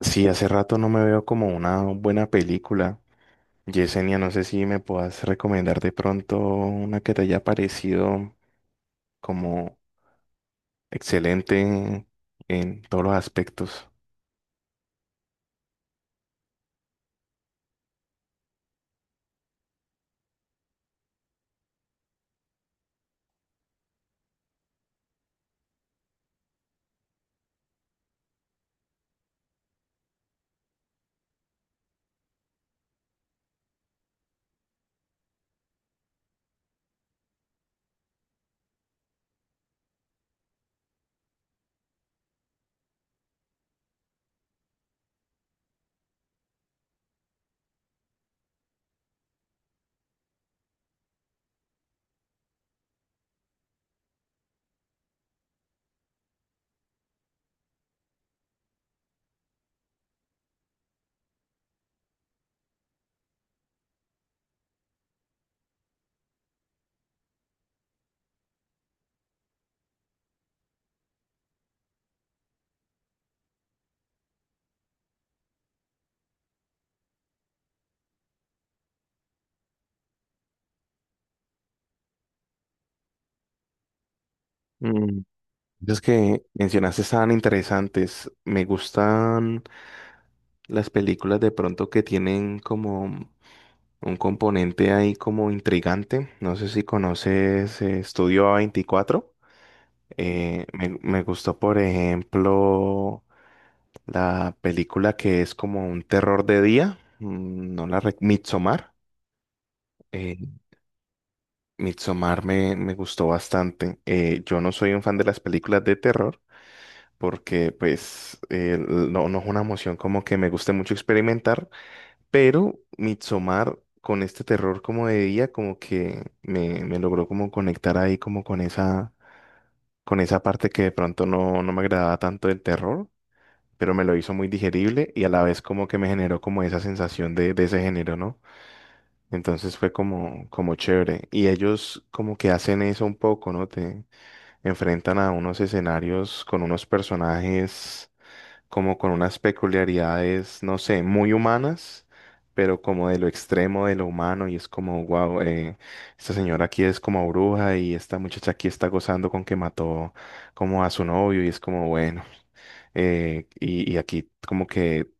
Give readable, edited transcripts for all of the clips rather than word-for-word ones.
Sí, hace rato no me veo como una buena película. Yesenia, no sé si me puedas recomendar de pronto una que te haya parecido como excelente en todos los aspectos. Mm, Esas que mencionaste estaban interesantes. Me gustan las películas de pronto que tienen como un componente ahí como intrigante. No sé si conoces Estudio A24. Me gustó, por ejemplo. La película que es como un terror de día, no la rec- Midsommar. eh, Midsommar me gustó bastante. Yo no soy un fan de las películas de terror porque pues no es una emoción como que me guste mucho experimentar, pero Midsommar con este terror como de día como que me logró como conectar ahí como con esa parte que de pronto no me agradaba tanto del terror, pero me lo hizo muy digerible y a la vez como que me generó como esa sensación de ese género, ¿no? Entonces fue como, como chévere. Y ellos como que hacen eso un poco, ¿no? Te enfrentan a unos escenarios con unos personajes como con unas peculiaridades, no sé, muy humanas, pero como de lo extremo de lo humano y es como, wow, esta señora aquí es como bruja y esta muchacha aquí está gozando con que mató como a su novio y es como, bueno. Y aquí como que,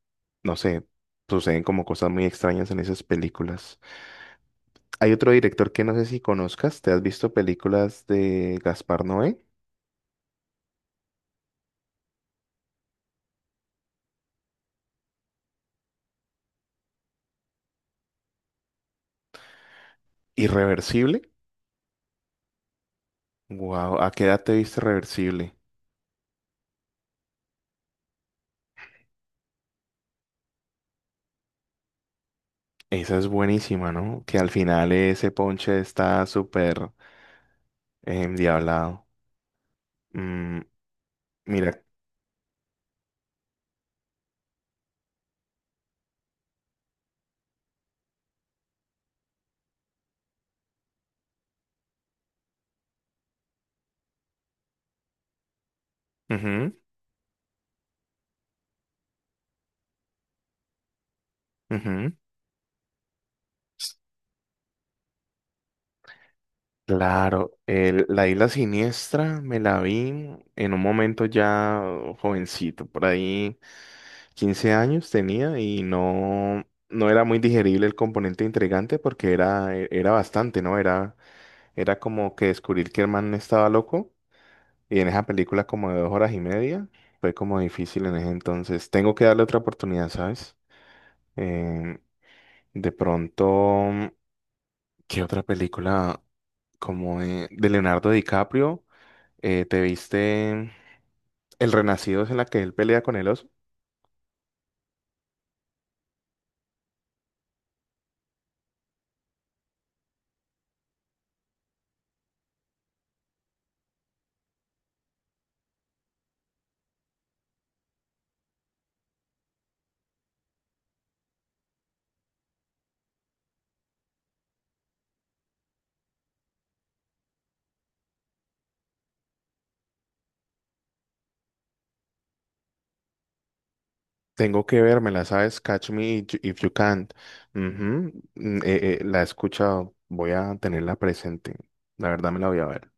no sé, suceden como cosas muy extrañas en esas películas. Hay otro director que no sé si conozcas, ¿te has visto películas de Gaspar Noé? Irreversible. Wow, ¿a qué edad te viste Reversible? Esa es buenísima, ¿no? Que al final ese ponche está súper endiablado. Mm, mira. Ujú, ujú. Claro, la isla siniestra me la vi en un momento ya jovencito, por ahí 15 años tenía y no era muy digerible el componente intrigante porque era bastante, ¿no? Era, era como que descubrir que el man estaba loco y en esa película como de 2 horas y media fue como difícil en ese entonces. Tengo que darle otra oportunidad, ¿sabes? Em, de pronto, ¿qué otra película como de Leonardo DiCaprio? ¿Te viste El Renacido es en la que él pelea con el oso? Tengo que vérmela, ¿sabes? Catch me if you can't. Ujú, la he escuchado, voy a tenerla presente. La verdad me la voy a ver.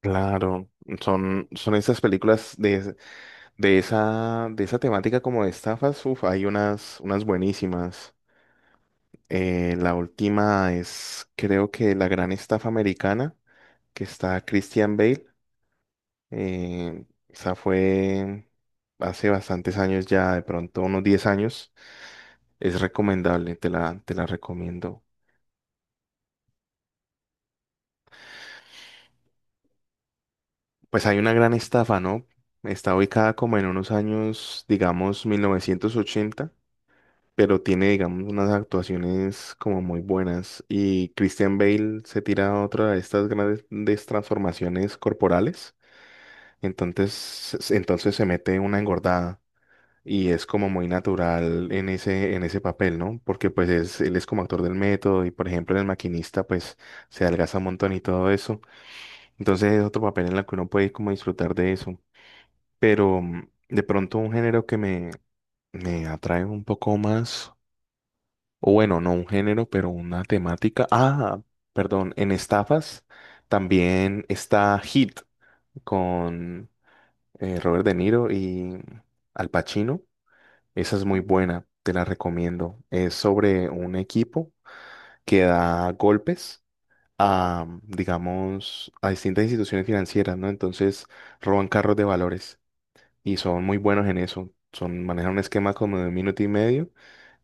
Claro, son esas películas de esa temática como de estafas. Uf, hay unas, unas buenísimas. La última es, creo que La Gran Estafa Americana, que está Christian Bale. Esa fue hace bastantes años ya, de pronto unos 10 años. Es recomendable, te la recomiendo. Pues hay una gran estafa, ¿no? Está ubicada como en unos años, digamos, 1980, pero tiene, digamos, unas actuaciones como muy buenas. Y Christian Bale se tira a otra de estas grandes transformaciones corporales. Entonces, entonces se mete una engordada y es como muy natural en ese papel, ¿no? Porque pues es, él es como actor del método y, por ejemplo, en El Maquinista, pues se adelgaza un montón y todo eso. Entonces es otro papel en el que uno puede como disfrutar de eso. Pero de pronto un género me atrae un poco más, o bueno, no un género, pero una temática. Ah, perdón, en estafas también está Hit con Robert De Niro y Al Pacino. Esa es muy buena, te la recomiendo. Es sobre un equipo que da golpes a, digamos, a distintas instituciones financieras, ¿no? Entonces roban carros de valores y son muy buenos en eso. Son, manejan un esquema como de un minuto y medio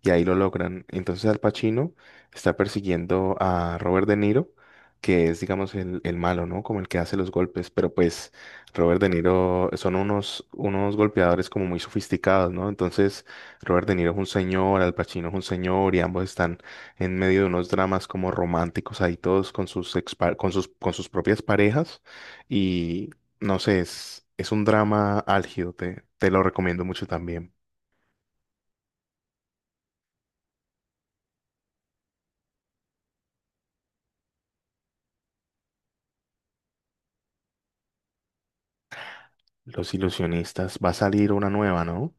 y ahí lo logran. Entonces Al Pacino está persiguiendo a Robert De Niro, que es, digamos, el malo, ¿no? Como el que hace los golpes, pero pues Robert De Niro son unos, unos golpeadores como muy sofisticados, ¿no? Entonces Robert De Niro es un señor, Al Pacino es un señor y ambos están en medio de unos dramas como románticos ahí todos con con con sus propias parejas y no sé, es un drama álgido, te lo recomiendo mucho también. Los ilusionistas. Va a salir una nueva, ¿no?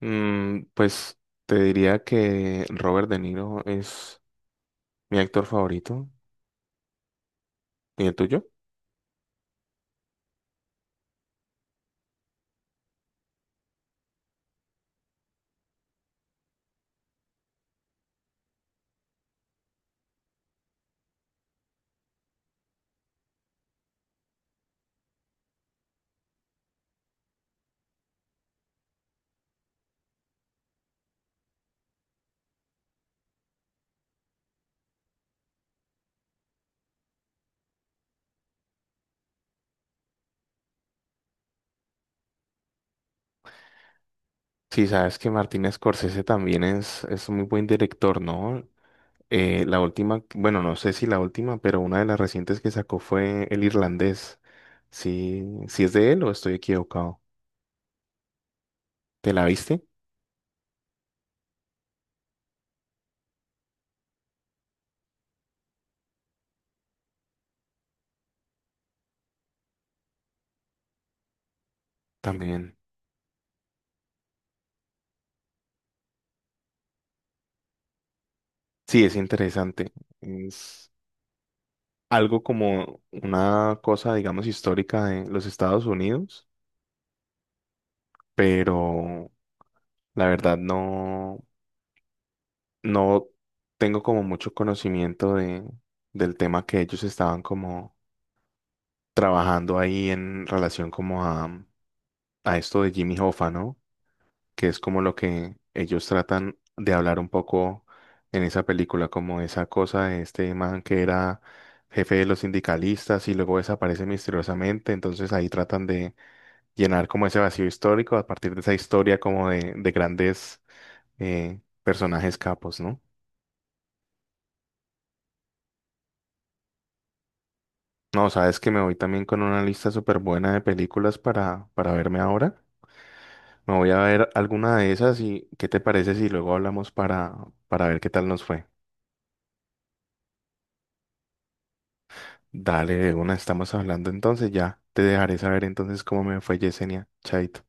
Mm, pues te diría que Robert De Niro es mi actor favorito. ¿Y el tuyo? Sí, sabes que Martin Scorsese también es un muy buen director, ¿no? La última, bueno, no sé si la última, pero una de las recientes que sacó fue El Irlandés. Sí, sí es de él o estoy equivocado. ¿Te la viste? También. Sí, es interesante. Es algo como una cosa, digamos, histórica de los Estados Unidos, pero la verdad no tengo como mucho conocimiento del tema que ellos estaban como trabajando ahí en relación como a esto de Jimmy Hoffa, ¿no? Que es como lo que ellos tratan de hablar un poco en esa película, como esa cosa de este man que era jefe de los sindicalistas y luego desaparece misteriosamente, entonces ahí tratan de llenar como ese vacío histórico a partir de esa historia como de grandes personajes capos, ¿no? No, sabes que me voy también con una lista súper buena de películas para verme ahora. Me voy a ver alguna de esas y ¿qué te parece si luego hablamos para ver qué tal nos fue? Dale, de una, estamos hablando entonces ya. Te dejaré saber entonces cómo me fue, Yesenia. Chaito.